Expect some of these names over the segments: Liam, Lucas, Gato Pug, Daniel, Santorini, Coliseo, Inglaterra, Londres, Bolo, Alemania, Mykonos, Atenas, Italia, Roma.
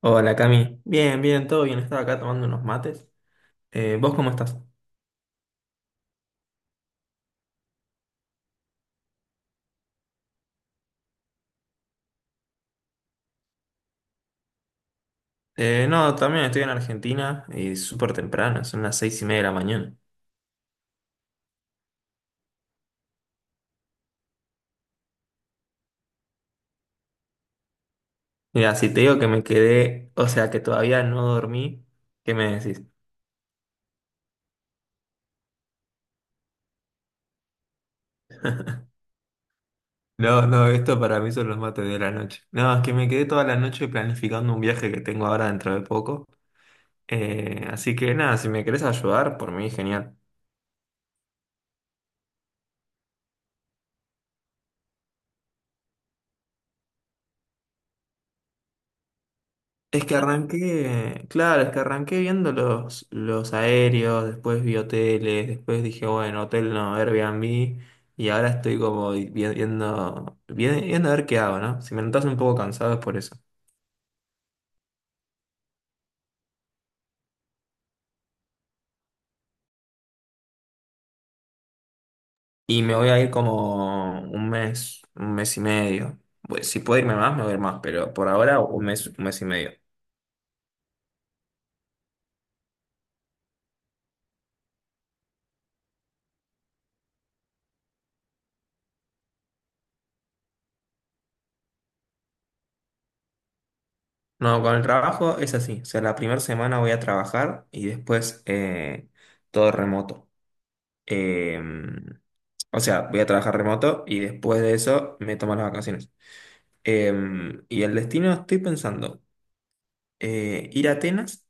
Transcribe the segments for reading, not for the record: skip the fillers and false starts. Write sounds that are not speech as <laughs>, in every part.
Hola Cami, bien, bien, todo bien, estaba acá tomando unos mates. ¿Vos cómo estás? No, también estoy en Argentina y súper temprano, son las 6:30 de la mañana. Mira, si te digo que me quedé, o sea que todavía no dormí, ¿qué me decís? No, no, esto para mí son los mates de la noche. No, es que me quedé toda la noche planificando un viaje que tengo ahora dentro de poco. Así que nada, si me querés ayudar, por mí, genial. Es que arranqué, claro, es que arranqué viendo los aéreos, después vi hoteles, después dije, bueno, hotel no, Airbnb, y ahora estoy como viendo a ver qué hago, ¿no? Si me notas un poco cansado es por eso. Y me voy a ir como un mes y medio. Pues, si puedo irme más, me voy a ir más, pero por ahora un mes y medio. No, con el trabajo es así, o sea, la primera semana voy a trabajar y después todo remoto. Eh, o sea, voy a trabajar remoto y después de eso me tomo las vacaciones. Y el destino estoy pensando ir a Atenas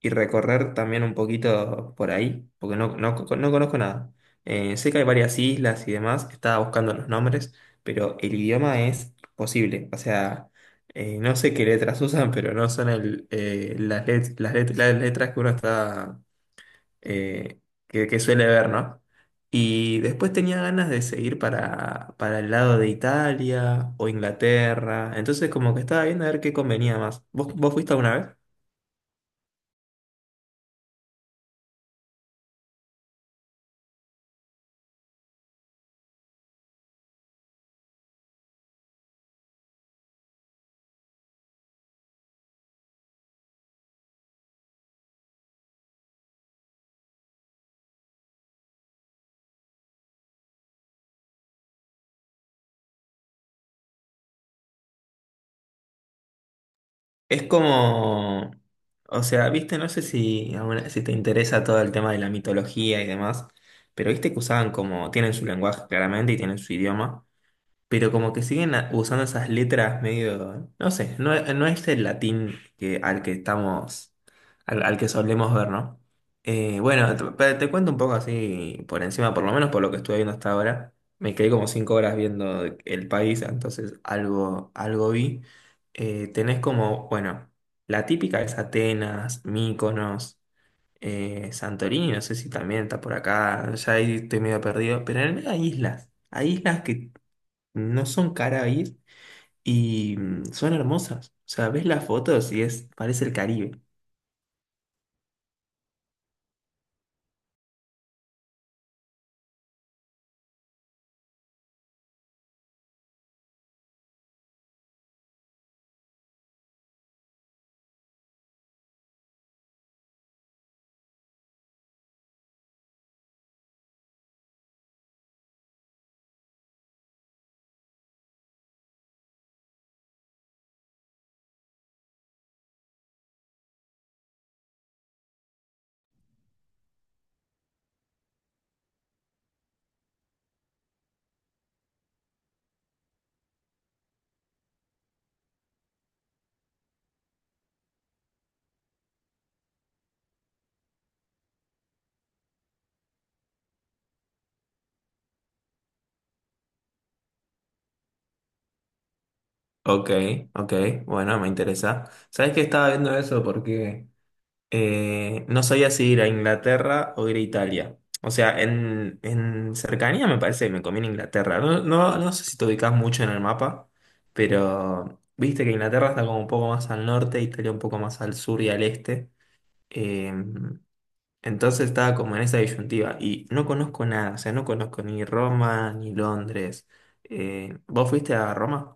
y recorrer también un poquito por ahí, porque no, no, no conozco nada. Sé que hay varias islas y demás, estaba buscando los nombres, pero el idioma es posible. O sea, no sé qué letras <laughs> usan, pero no son el, las, let- las let- las letras que uno está, eh, que suele ver, ¿no? Y después tenía ganas de seguir para el lado de Italia o Inglaterra. Entonces como que estaba viendo a ver qué convenía más. ¿Vos fuiste alguna vez? Es como, o sea, viste, no sé si, si te interesa todo el tema de la mitología y demás, pero viste que usaban como, tienen su lenguaje claramente y tienen su idioma. Pero como que siguen usando esas letras medio, no sé, no, no es el latín que, al que estamos, al, al que solemos ver, ¿no? Bueno, te cuento un poco así por encima, por lo menos por lo que estuve viendo hasta ahora. Me quedé como 5 horas viendo el país, entonces algo vi. Tenés como, bueno, la típica es Atenas, Mykonos, Santorini, no sé si también está por acá, ya ahí estoy medio perdido, pero en el medio hay islas que no son caras a ir y son hermosas. O sea, ves las fotos y es, parece el Caribe. Ok, ok, bueno, me interesa. ¿Sabes que estaba viendo eso? Porque no sabía si ir a Inglaterra o ir a Italia. O sea, en cercanía me parece que me conviene Inglaterra. No, no, no sé si te ubicas mucho en el mapa, pero viste que Inglaterra está como un poco más al norte, Italia un poco más al sur y al este. Em, Entonces estaba como en esa disyuntiva y no conozco nada, o sea, no conozco ni Roma ni Londres. ¿Vos fuiste a Roma?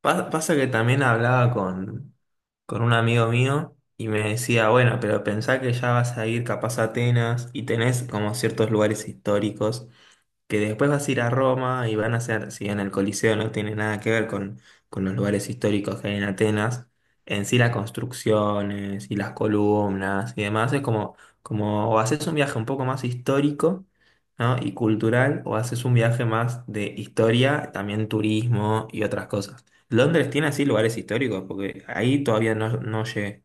Pasa que también hablaba con un amigo mío y me decía, bueno, pero pensá que ya vas a ir capaz a Atenas y tenés como ciertos lugares históricos que después vas a ir a Roma y van a ser si bien el Coliseo no tiene nada que ver con los lugares históricos que hay en Atenas, en sí las construcciones y las columnas y demás, es como, como o haces un viaje un poco más histórico, ¿no?, y cultural, o haces un viaje más de historia, también turismo y otras cosas. Londres tiene así lugares históricos, porque ahí todavía no llegué.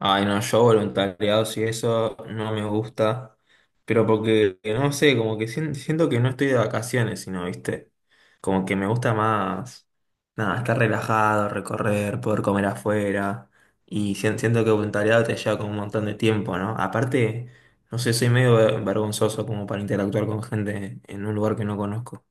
Ay, no, yo voluntariados y eso no me gusta, pero porque, no sé, como que siento que no estoy de vacaciones, sino, viste, como que me gusta más, nada, estar relajado, recorrer, poder comer afuera, y siento que voluntariado te lleva como un montón de tiempo, ¿no? Aparte, no sé, soy medio vergonzoso como para interactuar con gente en un lugar que no conozco.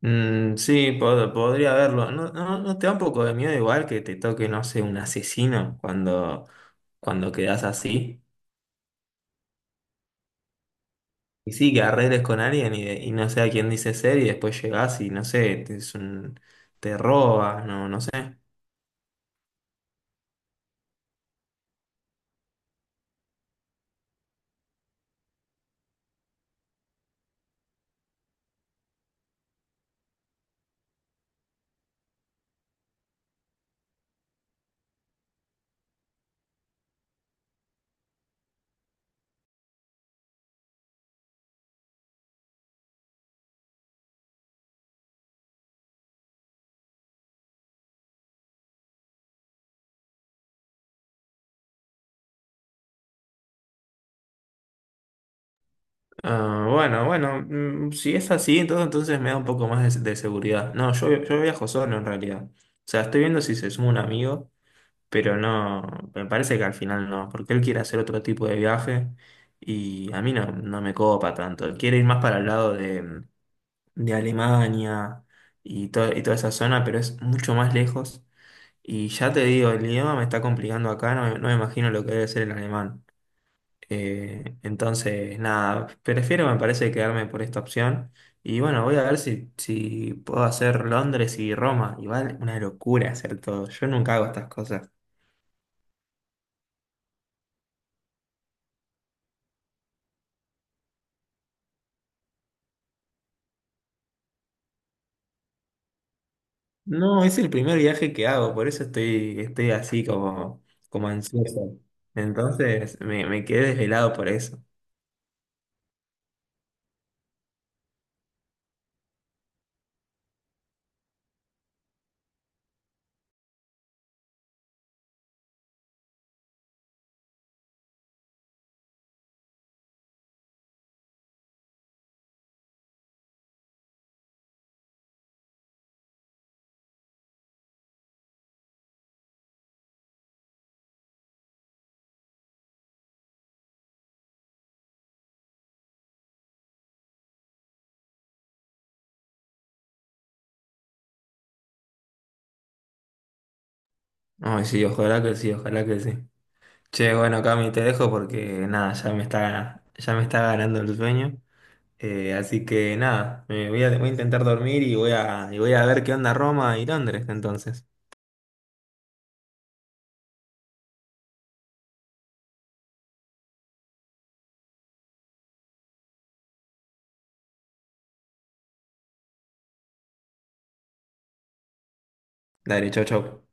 Mm, sí, podría verlo. ¿No te da un poco de miedo igual que te toque, no sé, un asesino cuando quedás así? Y sí, que arregles con alguien y no sé a quién dice ser y después llegás y no sé, te, es un, te robas, no, no sé. Ah, bueno, bueno, si es así, entonces me da un poco más de seguridad. No, yo viajo solo en realidad. O sea, estoy viendo si se suma un amigo. Pero no, me parece que al final no, porque él quiere hacer otro tipo de viaje y a mí no, no me copa tanto. Él quiere ir más para el lado de Alemania y, toda esa zona, pero es mucho más lejos. Y ya te digo, el idioma me está complicando acá, no, me no me imagino lo que debe ser el alemán. Entonces, nada, prefiero, me parece, quedarme por esta opción. Y bueno, voy a ver si puedo hacer Londres y Roma. Igual, una locura hacer todo. Yo nunca hago estas cosas. No, es el primer viaje que hago, por eso estoy así como ansioso. Entonces me quedé desvelado por eso. Ay, sí, ojalá que sí, ojalá que sí. Che, bueno, Cami, te dejo porque nada, ya me está ganando el sueño. Así que nada, voy a intentar dormir y voy a ver qué onda Roma y Londres entonces. Dale, chau, chau.